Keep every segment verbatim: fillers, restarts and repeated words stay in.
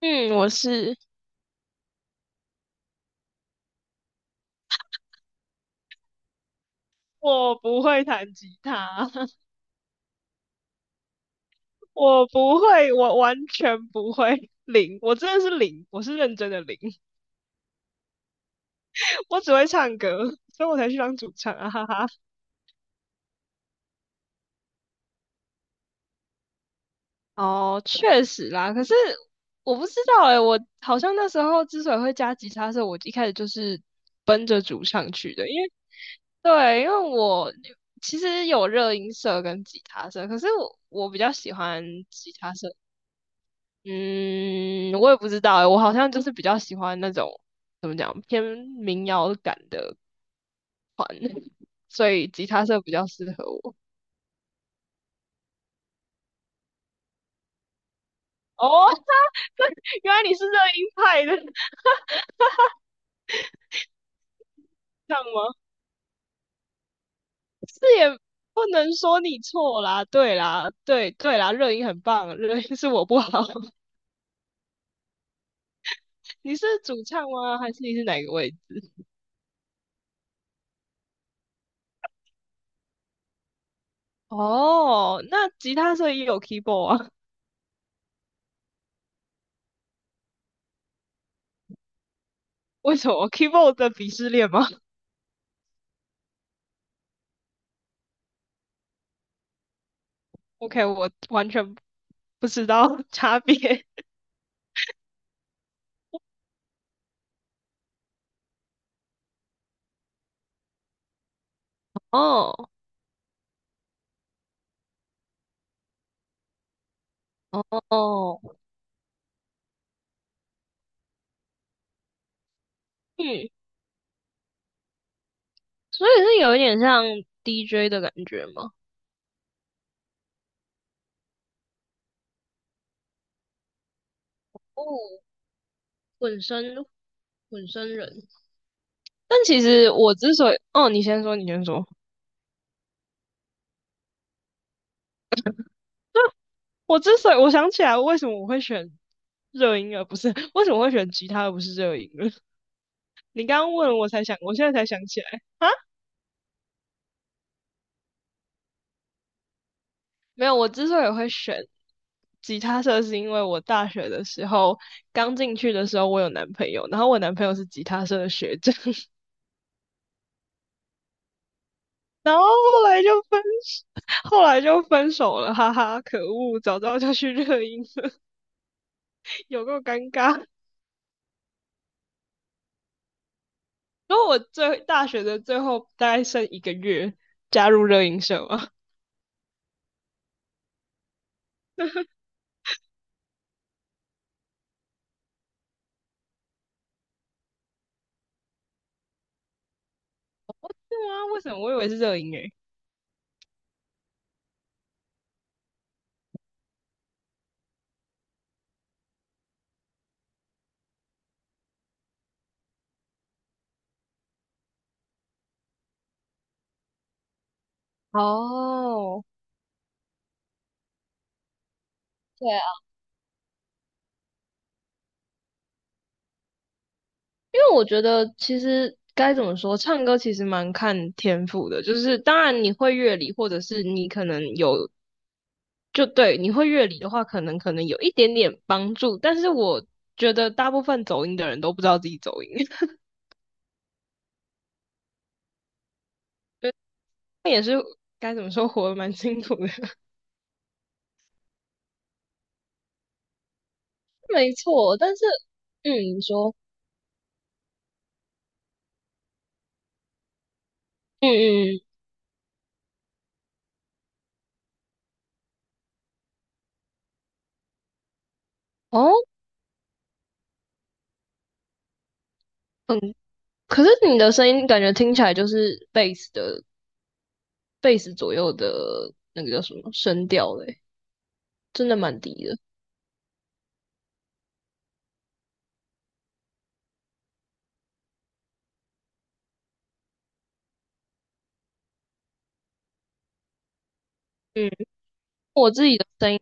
嗯，我是。我不会弹吉他，我不会，我完全不会，零，我真的是零，我是认真的零。我只会唱歌，所以我才去当主唱啊，哈哈。哦，确实啦。可是我不知道诶，我好像那时候之所以会加吉他的时候，我一开始就是奔着主唱去的，因为。对，因为我其实有热音社跟吉他社，可是我我比较喜欢吉他社。嗯，我也不知道欸，我好像就是比较喜欢那种怎么讲偏民谣感的，所以吉他社比较适合我。哦。原来你是热音派的。这样吗？这也不能说你错啦，对啦，对对啦，热音很棒，热音是我不好。你是主唱吗？还是你是哪个位置？哦，那吉他社也有 keyboard 啊？为什么 keyboard 的鄙视链吗？OK，我完全不知道 差别。哦。哦，嗯，所以是有一点像 D J 的感觉吗？哦，混声。混声人。但其实我之所以，哦，你先说，你先说。我之所以我想起来，为什么我会选热音而不是 为什么会选吉他而不是热音了？你刚刚问了我才想，我现在才想起来。没有，我之所以会选吉他社，是因为我大学的时候刚进去的时候，我有男朋友，然后我男朋友是吉他社的学长。然后后来就分手，后来就分手了，哈哈，可恶，早知道就去热音社。有够尴尬。然后我最大学的最后大概剩一个月加入热音社嘛。对啊，为什么我以为是热音诶、欸？哦，对啊，因为我觉得其实该怎么说，唱歌其实蛮看天赋的，就是当然你会乐理，或者是你可能有，就对，你会乐理的话，可能可能有一点点帮助，但是我觉得大部分走音的人都不知道自己走音，觉得他也该怎么说，活得蛮辛苦的。没错，但是，嗯，你说。嗯嗯，嗯哦，嗯，可是你的声音感觉听起来就是 bass 的 bass 左右的，那个叫什么声调嘞，真的蛮低的。嗯，我自己的声音。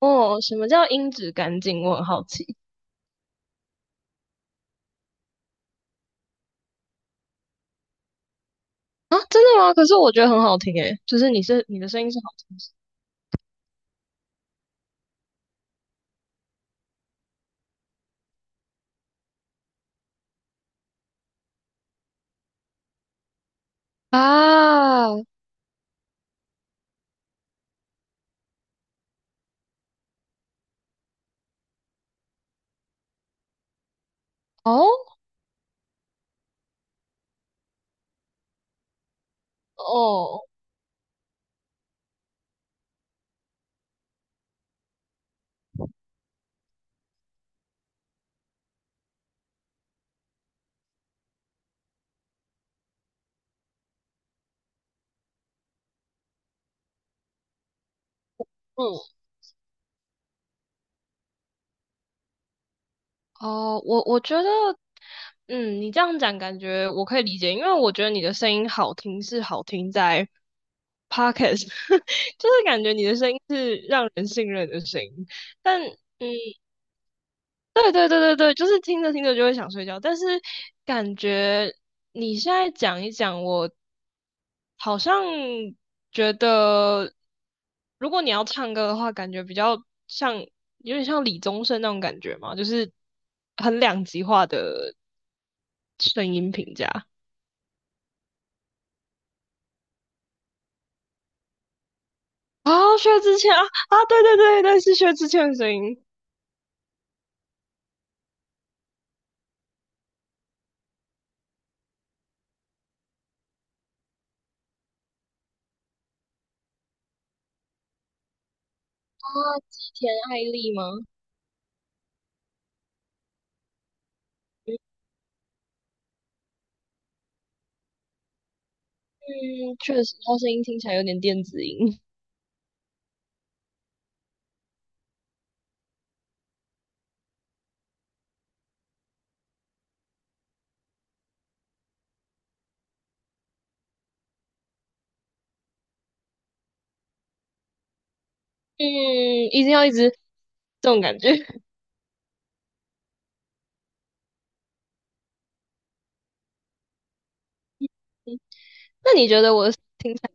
哦，什么叫音质干净？我很好奇。啊，真的吗？可是我觉得很好听诶，就是你是你的声音是好听的啊。哦哦，嗯，哦，我我觉得，嗯，你这样讲感觉我可以理解，因为我觉得你的声音好听是好听在 podcast。就是感觉你的声音是让人信任的声音。但嗯，对对对对对，就是听着听着就会想睡觉，但是感觉你现在讲一讲，我好像觉得，如果你要唱歌的话，感觉比较像有点像李宗盛那种感觉嘛，就是很两极化的，声音评价。啊，薛之谦啊。啊，对对对对，是薛之谦的声音。啊，吉田爱丽吗？嗯，确实，他声音听起来有点电子音。嗯，一定要一直这种感觉。那你觉得我听起来，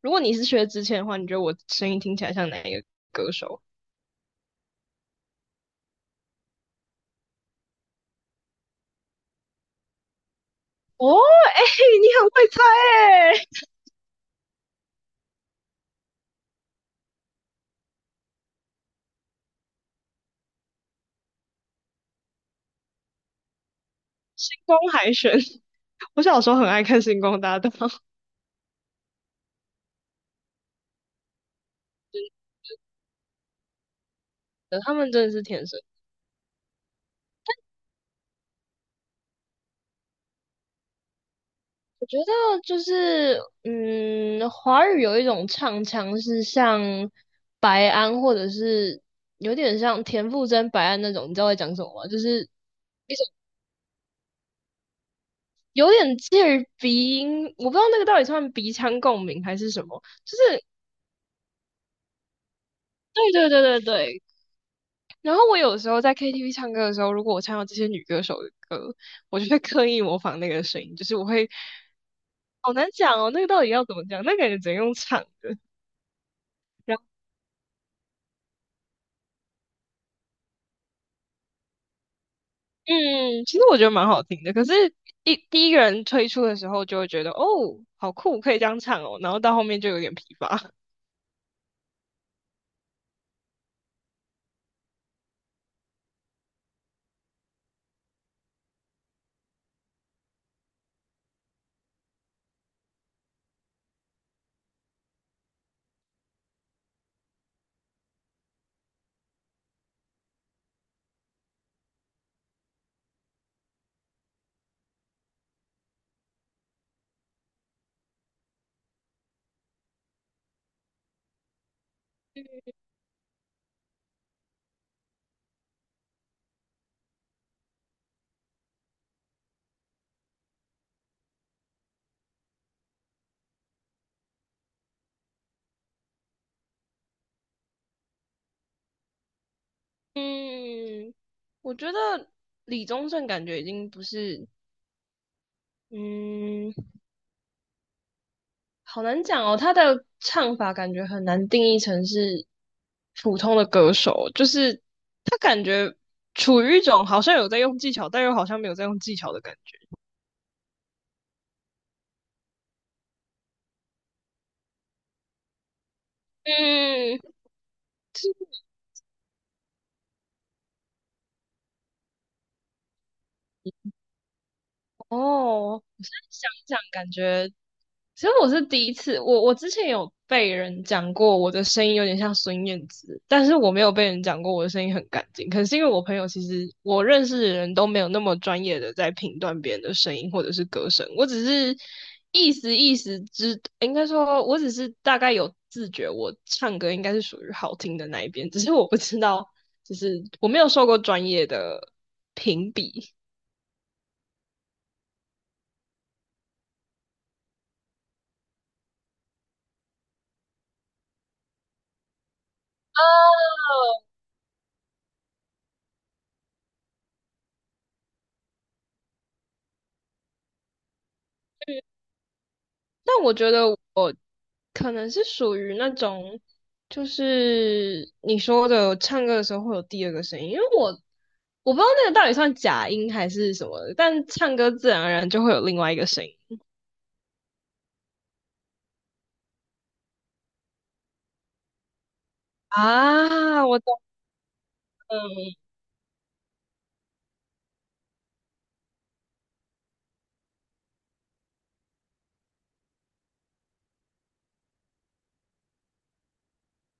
如果你是薛之谦的话，你觉得我声音听起来像哪一个歌手？哦，哎、你很会猜。哎、星光海选？我小时候很爱看《星光大道》。他们真的是天生。我觉得就是，嗯，华语有一种唱腔是像白安，或者是有点像田馥甄、白安那种，你知道我在讲什么吗？就是一种有点介于鼻音，我不知道那个到底算鼻腔共鸣还是什么，就是对对对对对。然后我有时候在 K T V 唱歌的时候，如果我唱到这些女歌手的歌，我就会刻意模仿那个声音，就是我会好难讲哦，那个到底要怎么讲？那个感觉只能用唱的。嗯，其实我觉得蛮好听的，可是一第一个人推出的时候就会觉得哦，好酷，可以这样唱哦，然后到后面就有点疲乏。嗯，我觉得李宗盛感觉已经不是，嗯，好难讲哦，他的唱法感觉很难定义成是普通的歌手，就是他感觉处于一种好像有在用技巧，但又好像没有在用技巧的感觉。嗯，哦，我现在想一想，感觉。其实我是第一次，我我之前有被人讲过我的声音有点像孙燕姿，但是我没有被人讲过我的声音很干净。可能是因为我朋友其实我认识的人都没有那么专业的在评断别人的声音或者是歌声，我只是意思意思知，应该说我只是大概有自觉，我唱歌应该是属于好听的那一边，只是我不知道，就是我没有受过专业的评比。但我觉得我可能是属于那种，就是你说的唱歌的时候会有第二个声音，因为我我不知道那个到底算假音还是什么的，但唱歌自然而然就会有另外一个声音啊。我懂了，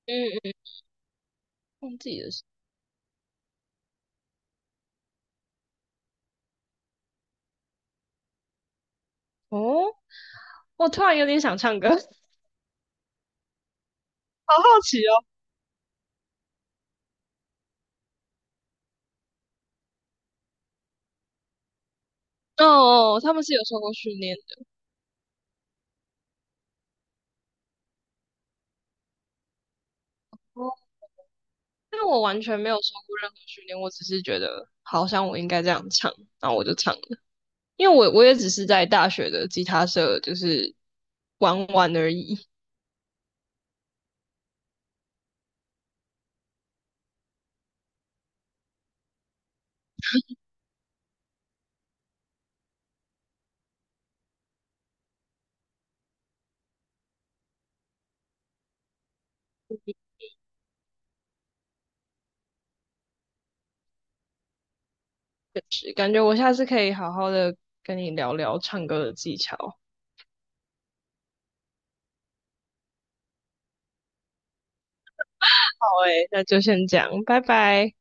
嗯嗯，忘记了是哦，我突然有点想唱歌，好好奇哦。哦，哦，他们是有受过训练的。哦但我完全没有受过任何训练，我只是觉得好像我应该这样唱，然后我就唱。因为我我也只是在大学的吉他社就是玩玩而已，就是感觉我下次可以好好的跟你聊聊唱歌的技巧。好诶，那就先这样，拜拜。